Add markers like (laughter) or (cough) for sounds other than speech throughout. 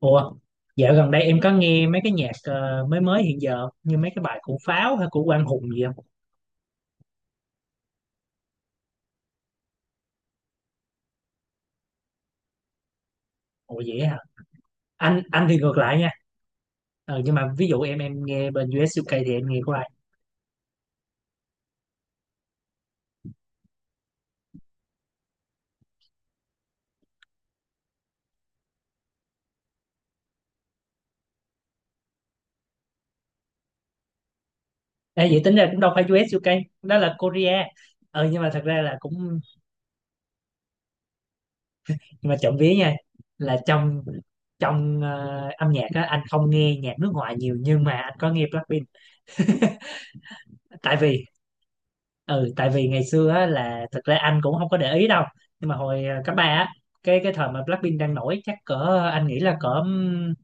Ủa, dạo gần đây em có nghe mấy cái nhạc mới mới hiện giờ không? Như mấy cái bài của Pháo hay của Quang Hùng gì không? Ủa vậy hả? Anh thì ngược lại nha. Ờ, nhưng mà ví dụ em nghe bên US UK thì em nghe của ai? Ê, vậy tính ra cũng đâu phải US UK, đó là Korea. Ờ nhưng mà thật ra là cũng nhưng mà trộm vía nha, là trong trong ờ, âm nhạc á, anh không nghe nhạc nước ngoài nhiều nhưng mà anh có nghe Blackpink, tại vì ừ tại vì ngày xưa á, là thực ra anh cũng không có để ý đâu. Nhưng mà hồi cấp ba á, cái thời mà Blackpink đang nổi, chắc cỡ anh nghĩ là cỡ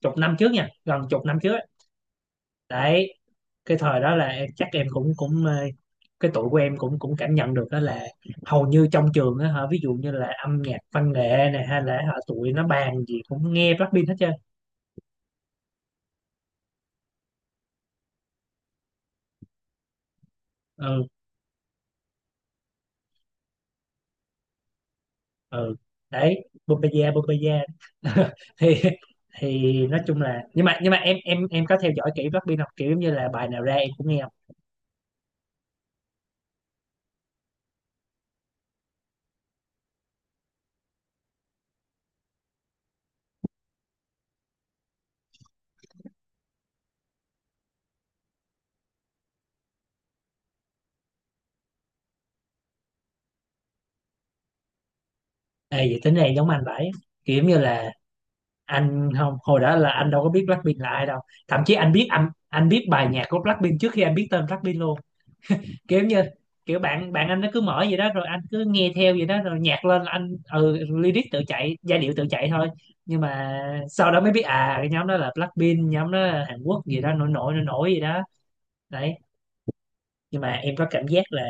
chục năm trước nha, gần chục năm trước á. Đấy, cái thời đó là chắc em cũng cũng ờ, cái tuổi của em cũng cũng cảm nhận được đó là hầu như trong trường á hả, ví dụ như là âm nhạc văn nghệ này hay là hả, tụi nó bàn gì cũng nghe Blackpink hết trơn. Ừ, ừ, đấy, Bupeya Bupeya. (laughs) thì thì nói chung là nhưng mà em có theo dõi kỹ rugby không, kiểu giống như là bài nào ra em cũng nghe không? Ê, vậy tính này giống anh vậy, kiểu giống như là anh không hồi đó là anh đâu có biết Blackpink là ai đâu, thậm chí anh biết bài nhạc của Blackpink trước khi anh biết tên Blackpink luôn. Kiểu như kiểu bạn bạn anh nó cứ mở vậy đó rồi anh cứ nghe theo vậy đó, rồi nhạc lên là anh lyric tự chạy, giai điệu tự chạy thôi. Nhưng mà sau đó mới biết, à, cái nhóm đó là Blackpink, nhóm đó là Hàn Quốc gì đó, nổi nổi nổi nổi gì đó. Đấy. Nhưng mà em có cảm giác là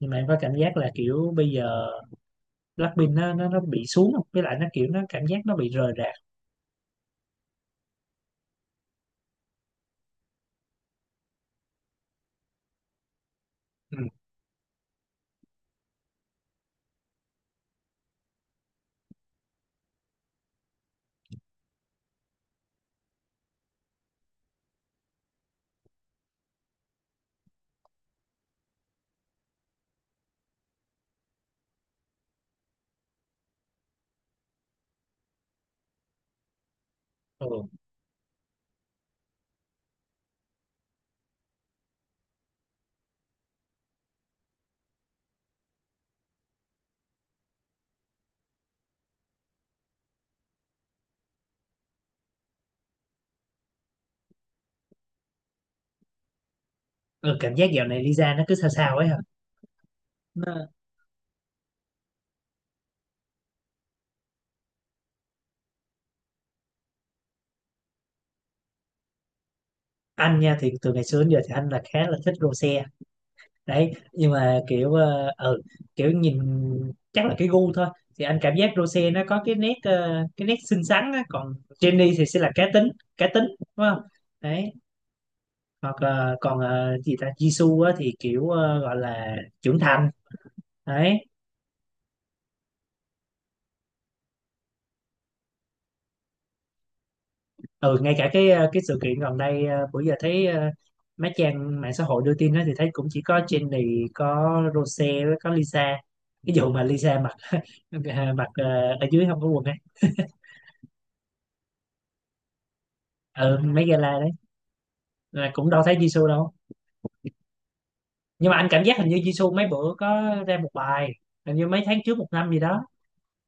nhưng mà em có cảm giác là kiểu bây giờ Blackpink nó bị xuống, với lại nó kiểu nó cảm giác nó bị rời rạc. Ừ. Ừ. Ừ, cảm giác dạo này Lisa nó cứ sao sao ấy hả? nó, anh nha, thì từ ngày xưa đến giờ thì anh là khá là thích Rosé. Đấy, nhưng mà kiểu kiểu nhìn, chắc là cái gu thôi. Thì anh cảm giác Rose nó có cái nét cái nét xinh xắn á, còn Jennie thì sẽ là cá tính, cá tính đúng không. Đấy. Hoặc là còn gì ta, Jisoo á thì kiểu gọi là trưởng thành. Đấy. Ừ, ngay cả cái cái sự kiện gần đây bữa giờ thấy mấy trang mạng xã hội đưa tin đó, thì thấy cũng chỉ có Jennie, có Rose với có Lisa, cái vụ mà Lisa mặc (laughs) mặc ở dưới không có quần ấy. Ừ, mấy gala đó, là cũng đâu thấy Jisoo đâu. Nhưng mà anh cảm giác hình như Jisoo mấy bữa có ra một bài, hình như mấy tháng trước, một năm gì đó,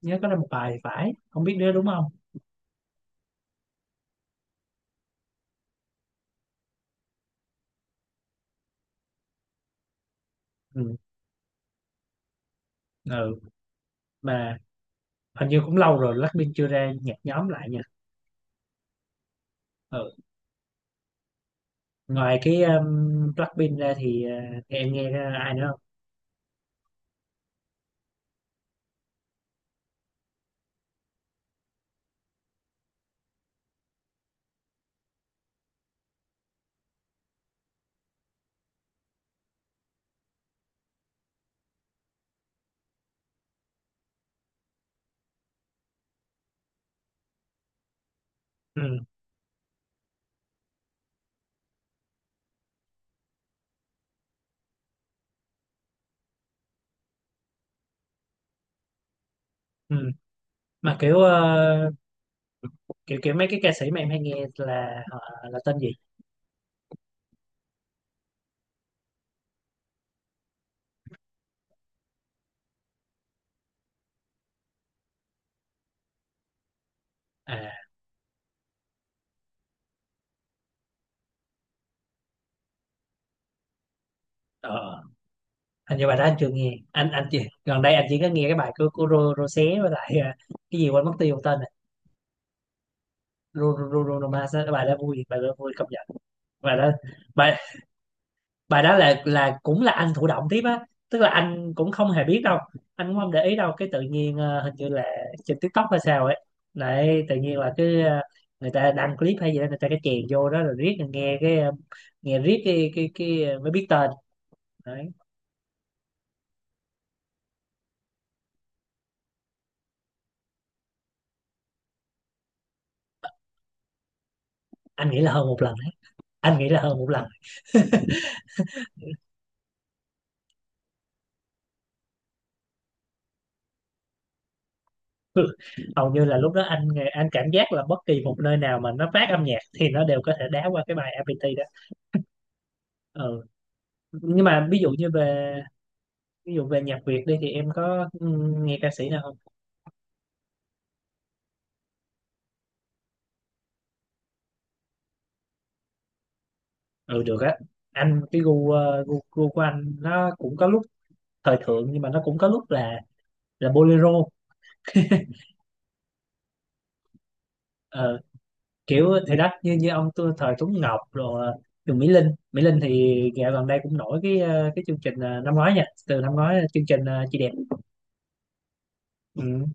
nhớ có ra một bài thì phải, không biết nữa, đúng không. Ừ. Ừ, mà hình như cũng lâu rồi Blackpink chưa ra nhạc nhóm lại nha. Ừ. Ngoài cái Blackpink ra thì em nghe ai nữa không? Ừ. Ừ. Mà kiểu kiểu kiểu mấy cái ca sĩ mà em hay nghe là họ là tên gì? À, ờ, hình như bài đó anh chưa nghe. Anh chỉ gần đây, anh chỉ có nghe cái bài của Rosé với lại cái gì quên mất tiêu tên. Bruno Mars á, bài đó vui, bài đó vui công nhận. Bài đó bài bài đó là, cũng là anh thụ động tiếp á, tức là anh cũng không hề biết đâu, anh cũng không để ý đâu, cái tự nhiên hình như là trên TikTok hay sao ấy. Đấy, tự nhiên là cái người ta đăng clip hay gì đó, người ta cái chèn vô đó rồi riết rồi nghe cái nghe riết mới biết tên. Đấy. Anh nghĩ là hơn một lần, đấy, anh nghĩ là hơn một lần. Hầu như là lúc đó anh cảm giác là bất kỳ một nơi nào mà nó phát âm nhạc thì nó đều có thể đá qua cái bài APT đó. Ừ, nhưng mà ví dụ về nhạc Việt đi, thì em có nghe ca sĩ nào không? Ừ được á. Anh cái gu, gu của anh nó cũng có lúc thời thượng, nhưng mà nó cũng có lúc là bolero. Ờ, kiểu thì đó, như như ông thời Tuấn Ngọc rồi, Trường Mỹ Linh. Mỹ Linh thì dạo gần đây cũng nổi cái cái chương trình năm ngoái nha, từ năm ngoái là chương trình Chị Đẹp. Ừ,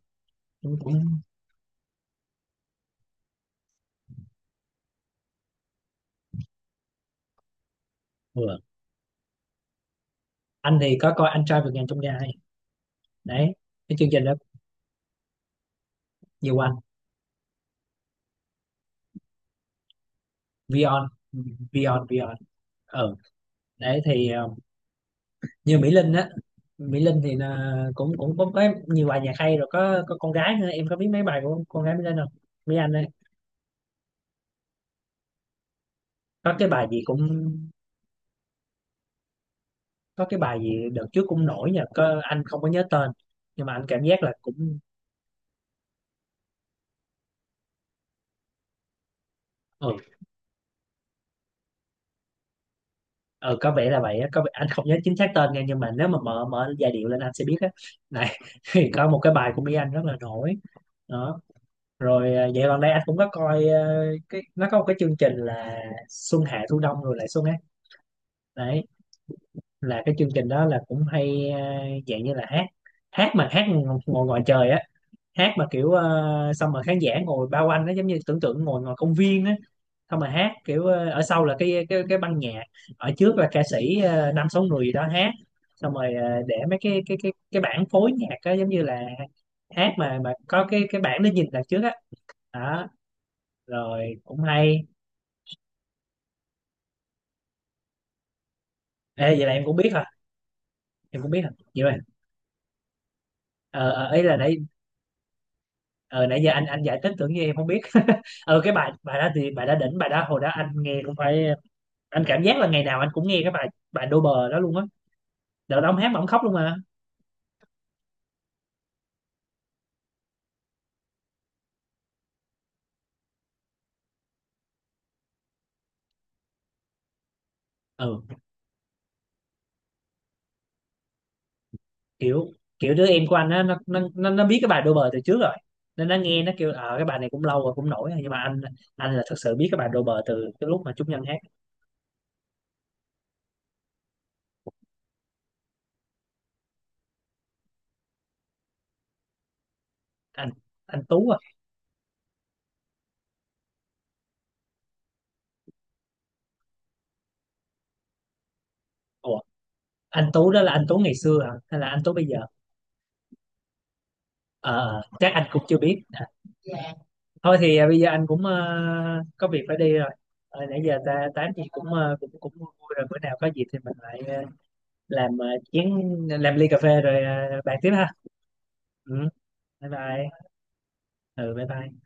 cũng cũng vừa. Anh thì có coi Anh Trai Vượt Ngàn Chông Gai. Đấy, cái chương trình đó nhiều anh. Vion Vion Vion. Ừ. Đấy, thì như Mỹ Linh á, Mỹ Linh thì là cũng cũng cũng có nhiều bài nhạc hay rồi, có con gái nữa, em có biết mấy bài của con gái Mỹ Linh không? Mỹ Anh ấy, có cái bài gì cũng có cái bài gì đợt trước cũng nổi nhờ, có anh không có nhớ tên nhưng mà anh cảm giác là cũng. Ừ, ừ có vẻ là vậy á, có vẻ, anh không nhớ chính xác tên nha, nhưng mà nếu mà mở mở giai điệu lên anh sẽ biết á. Này. (laughs) Thì có một cái bài của Mỹ Anh rất là nổi đó rồi. À, dạo gần đây anh cũng có coi cái, nó có một cái chương trình là Xuân Hạ Thu Đông Rồi Lại Xuân. Đấy, là cái chương trình đó là cũng hay, dạng như là hát hát mà hát ngồi ngoài trời á, hát mà kiểu xong mà khán giả ngồi bao quanh, nó giống như tưởng tượng ngồi ngoài công viên á. Xong mà hát kiểu ở sau là cái ban nhạc, ở trước là ca sĩ năm sáu người gì đó hát, xong rồi để mấy cái bảng phối nhạc á, giống như là hát mà có cái bảng để nhìn đằng trước á. Đó. Rồi cũng hay. Ê, vậy là em cũng biết hả? Vậy mà. Ờ ờ, ý là nãy ờ nãy giờ anh giải thích, tưởng như em không biết. (laughs) Cái bài bài đó thì bài đó đỉnh, bài đó hồi đó anh nghe cũng phải. Anh cảm giác là ngày nào anh cũng nghe cái bài bài đô bờ đó luôn á. Đợt đó ông hát mà ông khóc luôn mà. Ừ, kiểu kiểu đứa em của anh á, nó biết cái bài đô bờ từ trước rồi, nên nó nghe nó kêu cái bài này cũng lâu rồi cũng nổi rồi. Nhưng mà anh là thật sự biết cái bài đô bờ từ cái lúc mà Trúc Nhân hát. Anh anh Tú à? Ủa, anh Tú đó là anh Tú ngày xưa à hay là anh Tú bây giờ? Ờ, chắc anh cũng chưa biết. Thôi thì, à, bây giờ anh cũng có việc phải đi rồi. Ờ, nãy giờ ta tám gì cũng cũng cũng vui vui rồi, bữa nào có dịp thì mình lại làm chén, làm ly cà phê rồi bàn tiếp ha. Ừ, bye bye. Ừ, bye bye.